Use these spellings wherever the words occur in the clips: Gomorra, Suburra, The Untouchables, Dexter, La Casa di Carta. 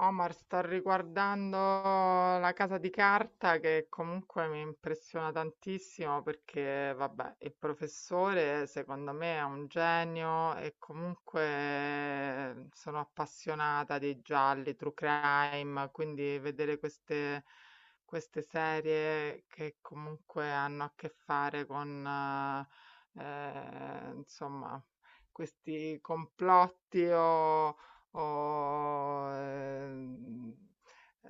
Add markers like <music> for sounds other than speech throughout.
Omar, sto riguardando La Casa di Carta che comunque mi impressiona tantissimo perché, vabbè, il professore secondo me è un genio e comunque sono appassionata dei gialli, true crime, quindi vedere queste serie che comunque hanno a che fare con, insomma, questi complotti o ho, ehm,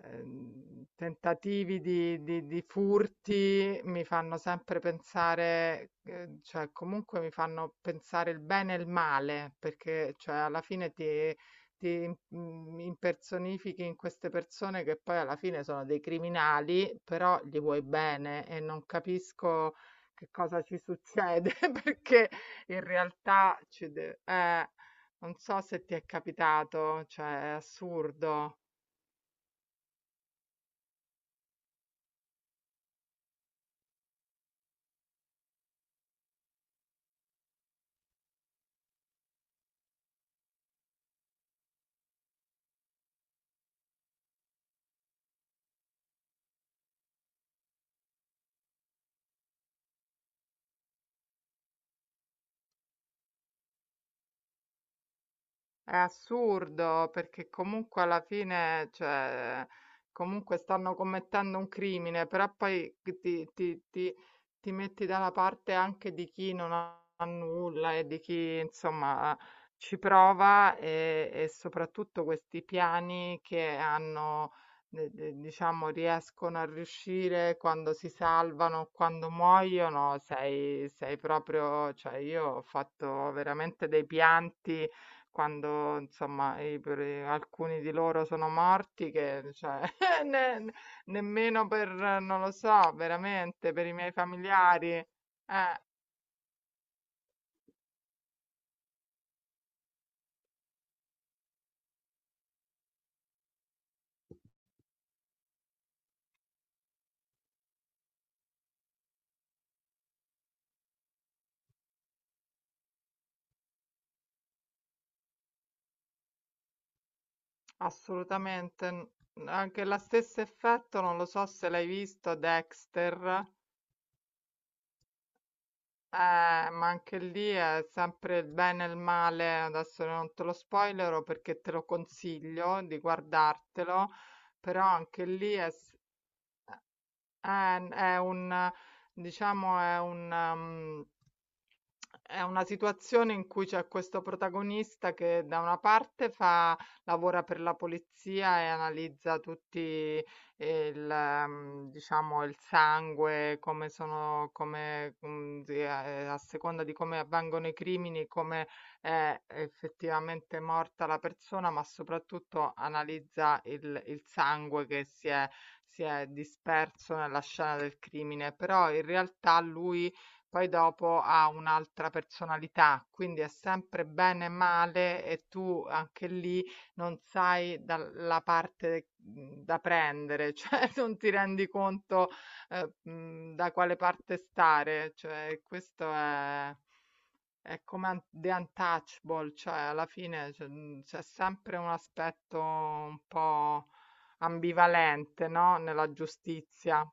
tentativi di furti mi fanno sempre pensare, cioè comunque mi fanno pensare il bene e il male, perché cioè, alla fine ti impersonifichi in queste persone che poi alla fine sono dei criminali, però gli vuoi bene e non capisco che cosa ci succede, <laughs> perché in realtà ci deve... non so se ti è capitato, cioè è assurdo. È assurdo perché comunque alla fine, cioè, comunque stanno commettendo un crimine, però poi ti metti dalla parte anche di chi non ha nulla e di chi insomma ci prova e soprattutto questi piani che hanno, diciamo, riescono a riuscire quando si salvano, quando muoiono, sei, sei proprio, cioè io ho fatto veramente dei pianti quando insomma, i per alcuni di loro sono morti che cioè <laughs> ne nemmeno per non lo so, veramente per i miei familiari, assolutamente. Anche lo stesso effetto, non lo so se l'hai visto, Dexter, ma anche lì è sempre il bene e il male. Adesso non te lo spoilero perché te lo consiglio di guardartelo, però anche lì è, è un, diciamo, è una situazione in cui c'è questo protagonista che da una parte fa, lavora per la polizia e analizza tutti il, diciamo, il sangue, come sono, come, a seconda di come avvengono i crimini, come è effettivamente morta la persona, ma soprattutto analizza il sangue che si è disperso nella scena del crimine, però in realtà lui poi dopo ha un'altra personalità, quindi è sempre bene e male e tu anche lì non sai dalla parte da prendere, <laughs> cioè non ti rendi conto da quale parte stare, cioè questo è... È come The Untouchable, cioè alla fine c'è sempre un aspetto un po' ambivalente, no? Nella giustizia.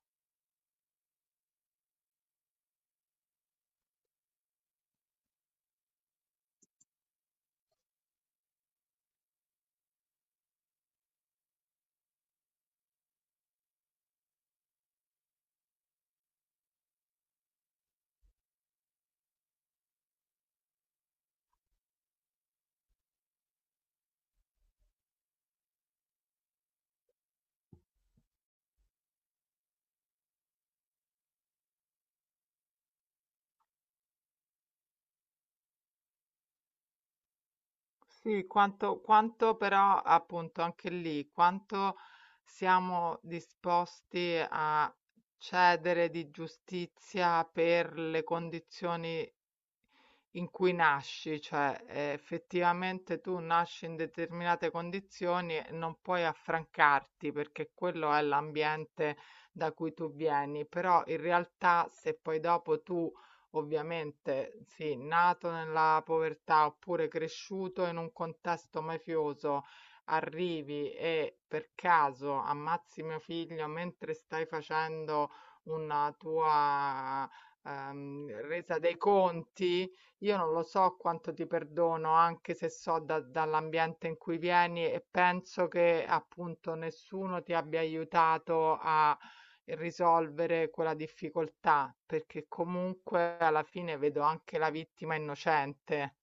Sì, quanto però appunto anche lì, quanto siamo disposti a cedere di giustizia per le condizioni in cui nasci, cioè effettivamente tu nasci in determinate condizioni e non puoi affrancarti perché quello è l'ambiente da cui tu vieni, però in realtà se poi dopo tu ovviamente sì, nato nella povertà oppure cresciuto in un contesto mafioso, arrivi e per caso ammazzi mio figlio mentre stai facendo una tua resa dei conti, io non lo so quanto ti perdono, anche se so dall'ambiente in cui vieni e penso che appunto nessuno ti abbia aiutato a risolvere quella difficoltà, perché comunque alla fine vedo anche la vittima innocente.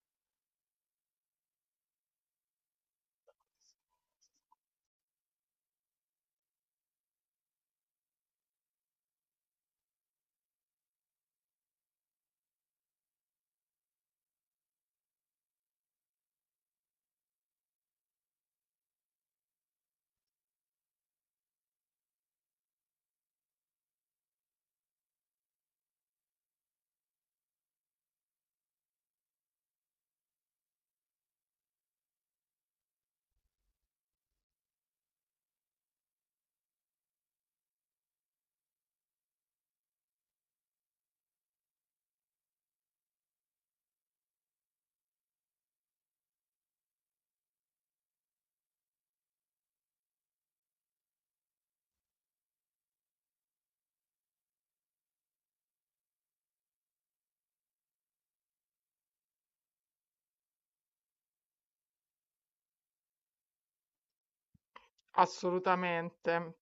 Assolutamente.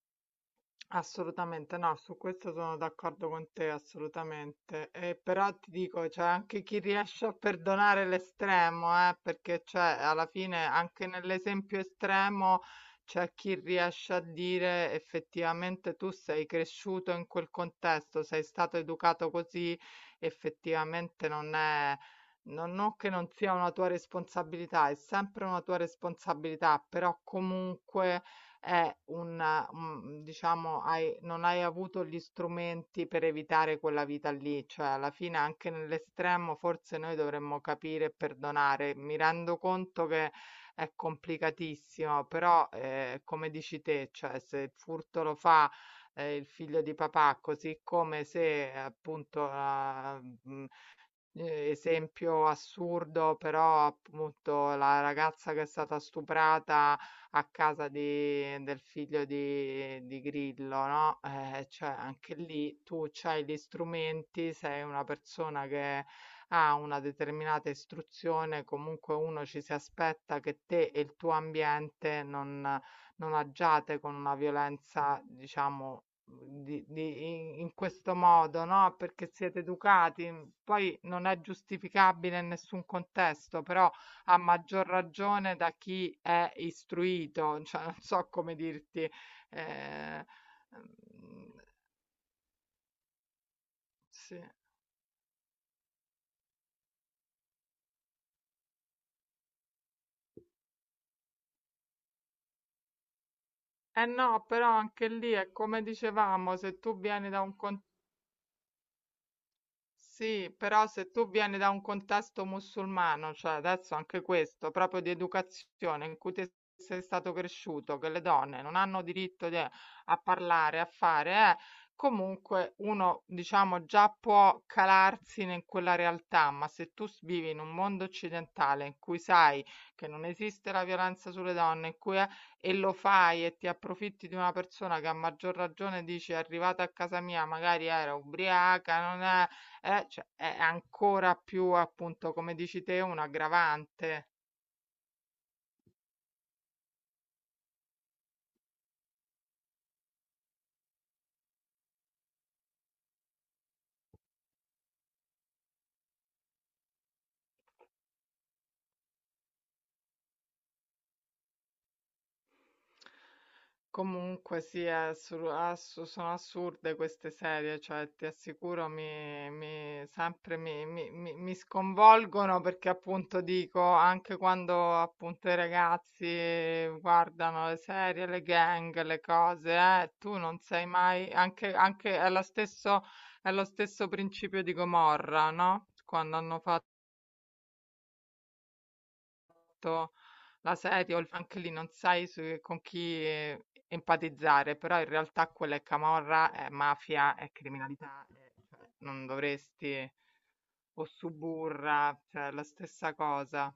Assolutamente no, su questo sono d'accordo con te, assolutamente. E però ti dico, c'è anche chi riesce a perdonare l'estremo, perché cioè, alla fine anche nell'esempio estremo c'è chi riesce a dire effettivamente tu sei cresciuto in quel contesto, sei stato educato così, effettivamente non è... Non, non che non sia una tua responsabilità, è sempre una tua responsabilità, però comunque è un diciamo hai non hai avuto gli strumenti per evitare quella vita lì, cioè alla fine anche nell'estremo forse noi dovremmo capire e perdonare. Mi rendo conto che è complicatissimo, però, come dici te, cioè se il furto lo fa, il figlio di papà, così come se appunto, esempio assurdo, però appunto la ragazza che è stata stuprata a casa di del figlio di Grillo, no, cioè anche lì tu c'hai gli strumenti, sei una persona che ha una determinata istruzione, comunque uno ci si aspetta che te e il tuo ambiente non agiate con una violenza, diciamo, di- di- in questo modo, no? Perché siete educati. Poi non è giustificabile in nessun contesto, però a maggior ragione da chi è istruito, <laughs> cioè non so come dirti. eh, mm, sì. Eh no, però anche lì è come dicevamo, se tu vieni da un contesto. Sì, però se tu vieni da un contesto musulmano, cioè adesso anche questo, proprio di educazione in cui te sei stato cresciuto, che le donne non hanno diritto a parlare, a fare, comunque uno, diciamo, già può calarsi in quella realtà, ma se tu vivi in un mondo occidentale in cui sai che non esiste la violenza sulle donne, in cui è, e lo fai e ti approfitti di una persona che a maggior ragione dici è arrivata a casa mia, magari era ubriaca, non è cioè, è ancora più, appunto, come dici te, un aggravante. Comunque sì, è sono assurde queste serie, cioè ti assicuro sempre mi sconvolgono perché appunto dico, anche quando appunto i ragazzi guardano le serie, le gang, le cose, tu non sei mai, anche è lo stesso principio di Gomorra, no? Quando hanno fatto letto, la sedia o il anche lì non sai con chi empatizzare, però in realtà quella è camorra, è mafia, è criminalità, cioè, non dovresti, o suburra, cioè è la stessa cosa.